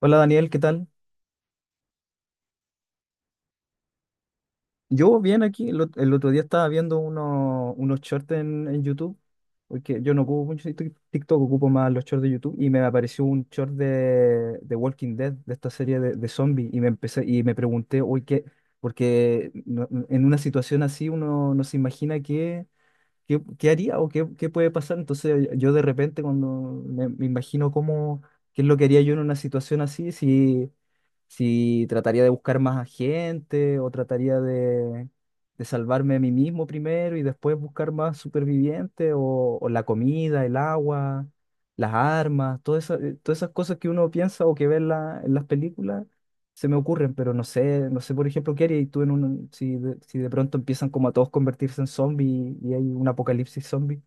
Hola Daniel, ¿qué tal? Yo bien aquí, el otro día estaba viendo unos shorts en YouTube, porque yo no ocupo mucho TikTok, ocupo más los shorts de YouTube, y me apareció un short de Walking Dead, de esta serie de zombies, y me empecé, y me pregunté, uy, ¿qué? Porque en una situación así uno no se imagina qué, qué haría o qué, qué puede pasar, entonces yo de repente cuando me imagino cómo, qué es lo que haría yo en una situación así, si si trataría de buscar más a gente o trataría de salvarme a mí mismo primero y después buscar más supervivientes o la comida, el agua, las armas, todas esas cosas que uno piensa o que ve en las películas se me ocurren, pero no sé, no sé por ejemplo qué haría tú en un, si de, si de pronto empiezan como a todos convertirse en zombies y hay un apocalipsis zombie.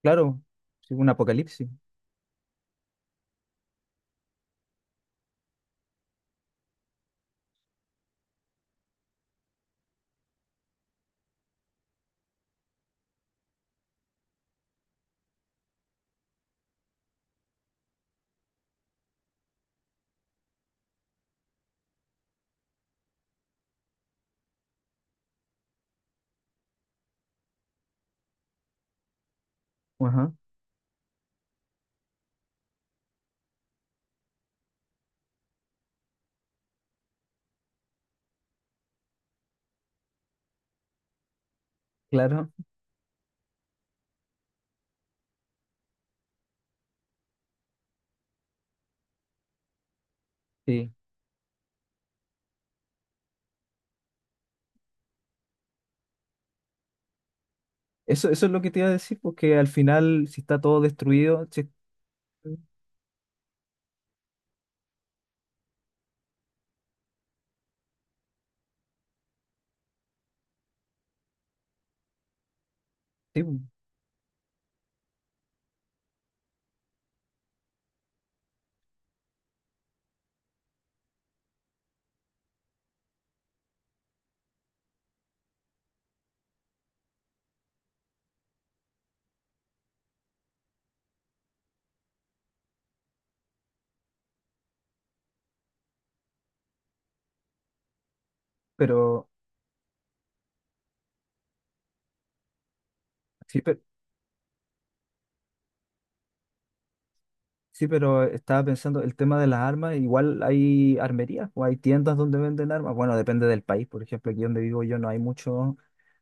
Claro, sí, un apocalipsis. Ajá, claro, sí. Eso es lo que te iba a decir, porque al final, si está todo destruido, sí, sí, pues, pero, sí, pero, sí, pero estaba pensando, el tema de las armas, igual hay armerías o hay tiendas donde venden armas. Bueno, depende del país, por ejemplo, aquí donde vivo yo no hay mucho,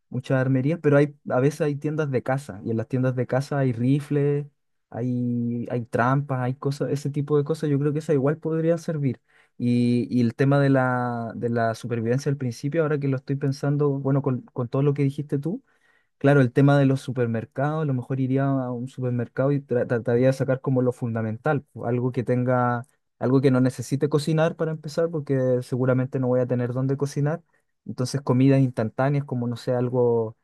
muchas armerías, pero hay, a veces hay tiendas de caza y en las tiendas de caza hay rifles, hay trampas, hay cosas, ese tipo de cosas, yo creo que esa igual podría servir. Y el tema de la supervivencia al principio, ahora que lo estoy pensando, bueno, con todo lo que dijiste tú. Claro, el tema de los supermercados, a lo mejor iría a un supermercado y trataría de sacar como lo fundamental, po, algo que tenga, algo que no necesite cocinar para empezar, porque seguramente no voy a tener dónde cocinar. Entonces, comidas instantáneas como, no sé, algo,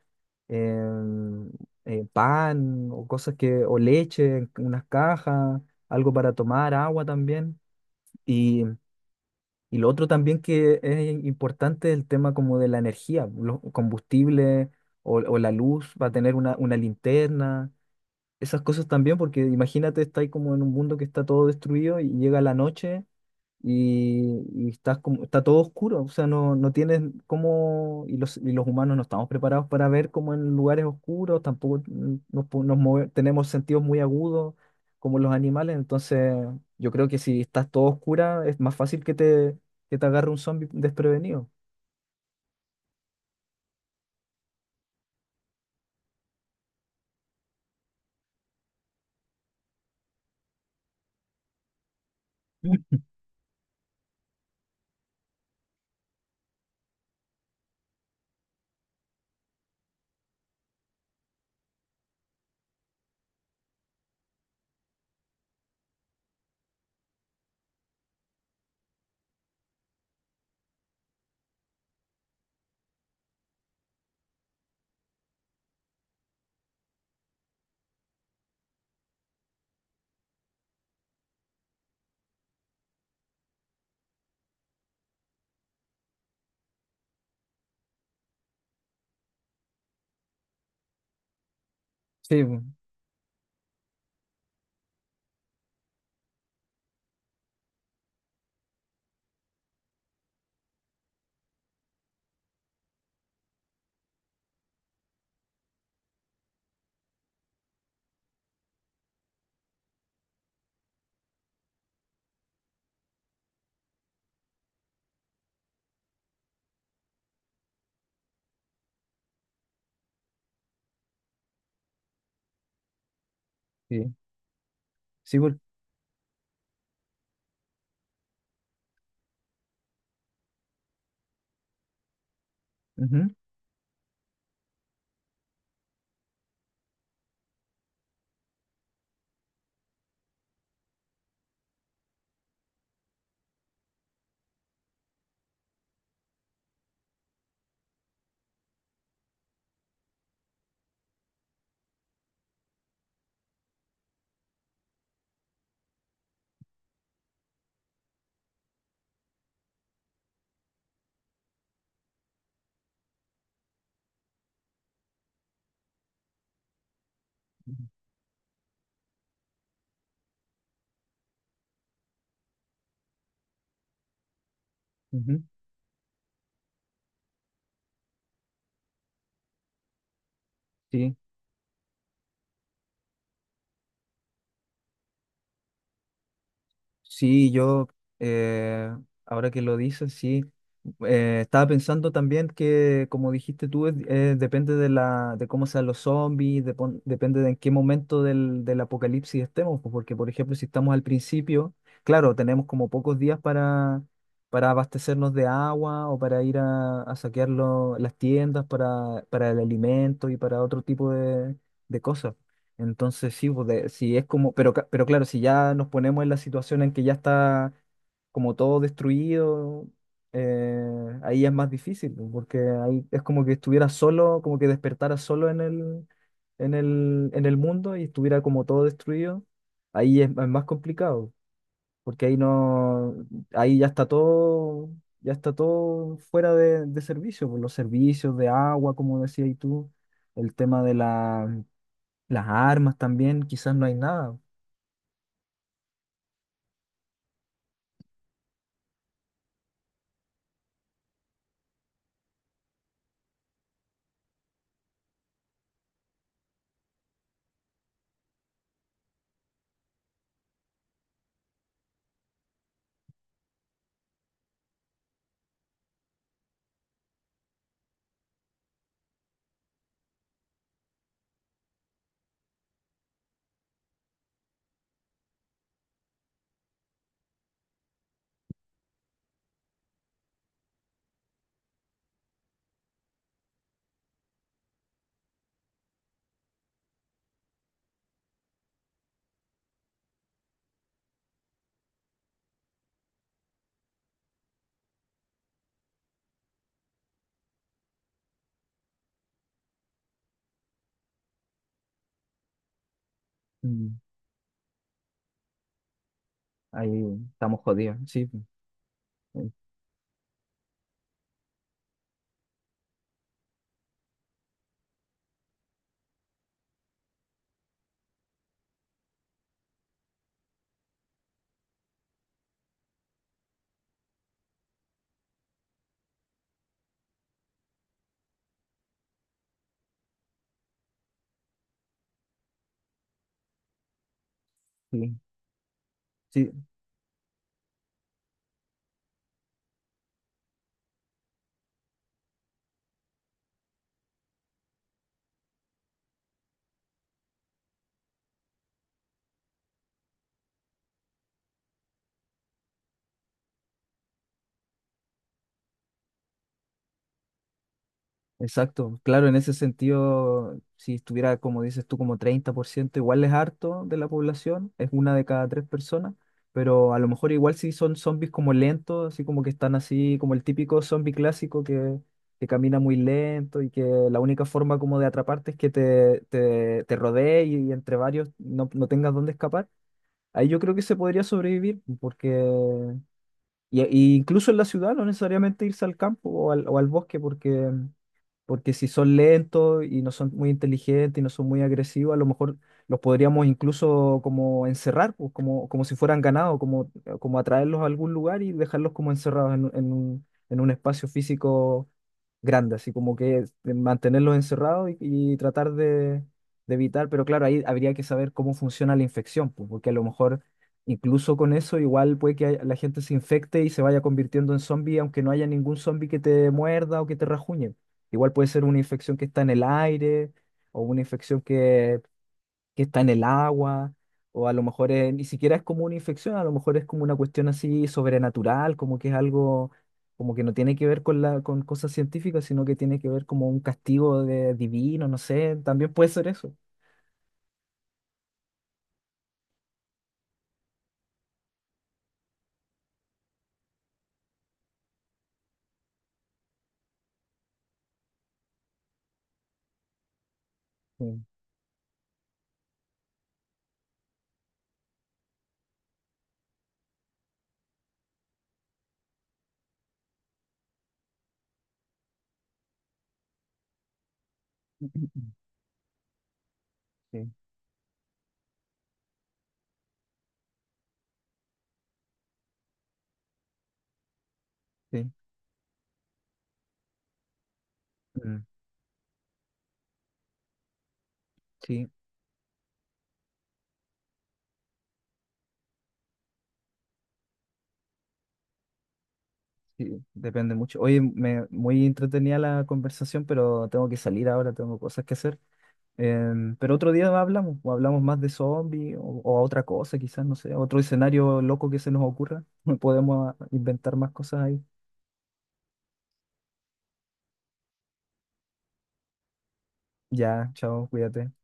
em, pan o cosas que, o leche, en unas cajas, algo para tomar, agua también. Y lo otro también que es importante es el tema como de la energía, los combustibles o la luz, va a tener una linterna, esas cosas también, porque imagínate, está ahí como en un mundo que está todo destruido y llega la noche y estás como, está todo oscuro, o sea, no, no tienes cómo, y los humanos no estamos preparados para ver como en lugares oscuros, tampoco mm, nos, tenemos sentidos muy agudos como los animales, entonces yo creo que si estás todo oscura es más fácil que te agarre un zombie desprevenido. Mm. Sí, bu- sí, sí, ujú, ujú, sí. Sí, yo, eh, ahora que lo dices, sí. Estaba pensando también que, como dijiste tú, depende de la, de cómo sean los zombies, depende de en qué momento del apocalipsis estemos, pues, porque, por ejemplo, si estamos al principio, claro, tenemos como pocos días para abastecernos de agua o para ir a saquear las tiendas para el alimento y para otro tipo de cosas. Entonces, sí, pues, sí, es como, pero, pero claro, si ya nos ponemos en la situación en que ya está como todo destruido, eh, ahí es más difícil, pues, porque ahí es como que estuviera solo, como que despertara solo en el mundo y estuviera como todo destruido, ahí es más complicado, porque ahí no, ahí ya está todo fuera de servicio, pues, los servicios de agua, como decías tú, el tema de la las armas también, quizás no hay nada. Mm, ahí estamos jodidos, sí. eh, Sí, sí, exacto. Claro, en ese sentido, si estuviera, como dices tú, como 30% igual es harto de la población, es una de cada tres personas, pero a lo mejor igual si son zombies como lentos, así como que están así, como el típico zombie clásico que camina muy lento y que la única forma como de atraparte es que te rodee y, entre varios no, no tengas dónde escapar. Ahí yo creo que se podría sobrevivir, porque y incluso en la ciudad no necesariamente irse al campo o al bosque, porque, porque si son lentos y no son muy inteligentes y no son muy agresivos, a lo mejor los podríamos incluso como encerrar, pues, como, como si fueran ganado, como, como atraerlos a algún lugar y dejarlos como encerrados en un espacio físico grande, así como que mantenerlos encerrados y tratar de evitar, pero claro, ahí habría que saber cómo funciona la infección, pues, porque a lo mejor incluso con eso igual puede la gente se infecte y se vaya convirtiendo en zombie, aunque no haya ningún zombie que te muerda o que te rajuñe. Igual puede ser una infección que está en el aire o una infección que está en el agua, o a lo mejor ni siquiera es como una infección, a lo mejor es como una cuestión así sobrenatural, como que es algo como que no tiene que ver con la, con cosas científicas, sino que tiene que ver como un castigo de, divino, no sé, también puede ser eso. Sí, sí, sí, mm, sí, sí, depende mucho. Oye, me, muy entretenida la conversación, pero tengo que salir ahora, tengo cosas que hacer. Pero otro día hablamos, o hablamos más de zombies, o a otra cosa, quizás, no sé, otro escenario loco que se nos ocurra. Podemos inventar más cosas ahí. Ya, chao, cuídate.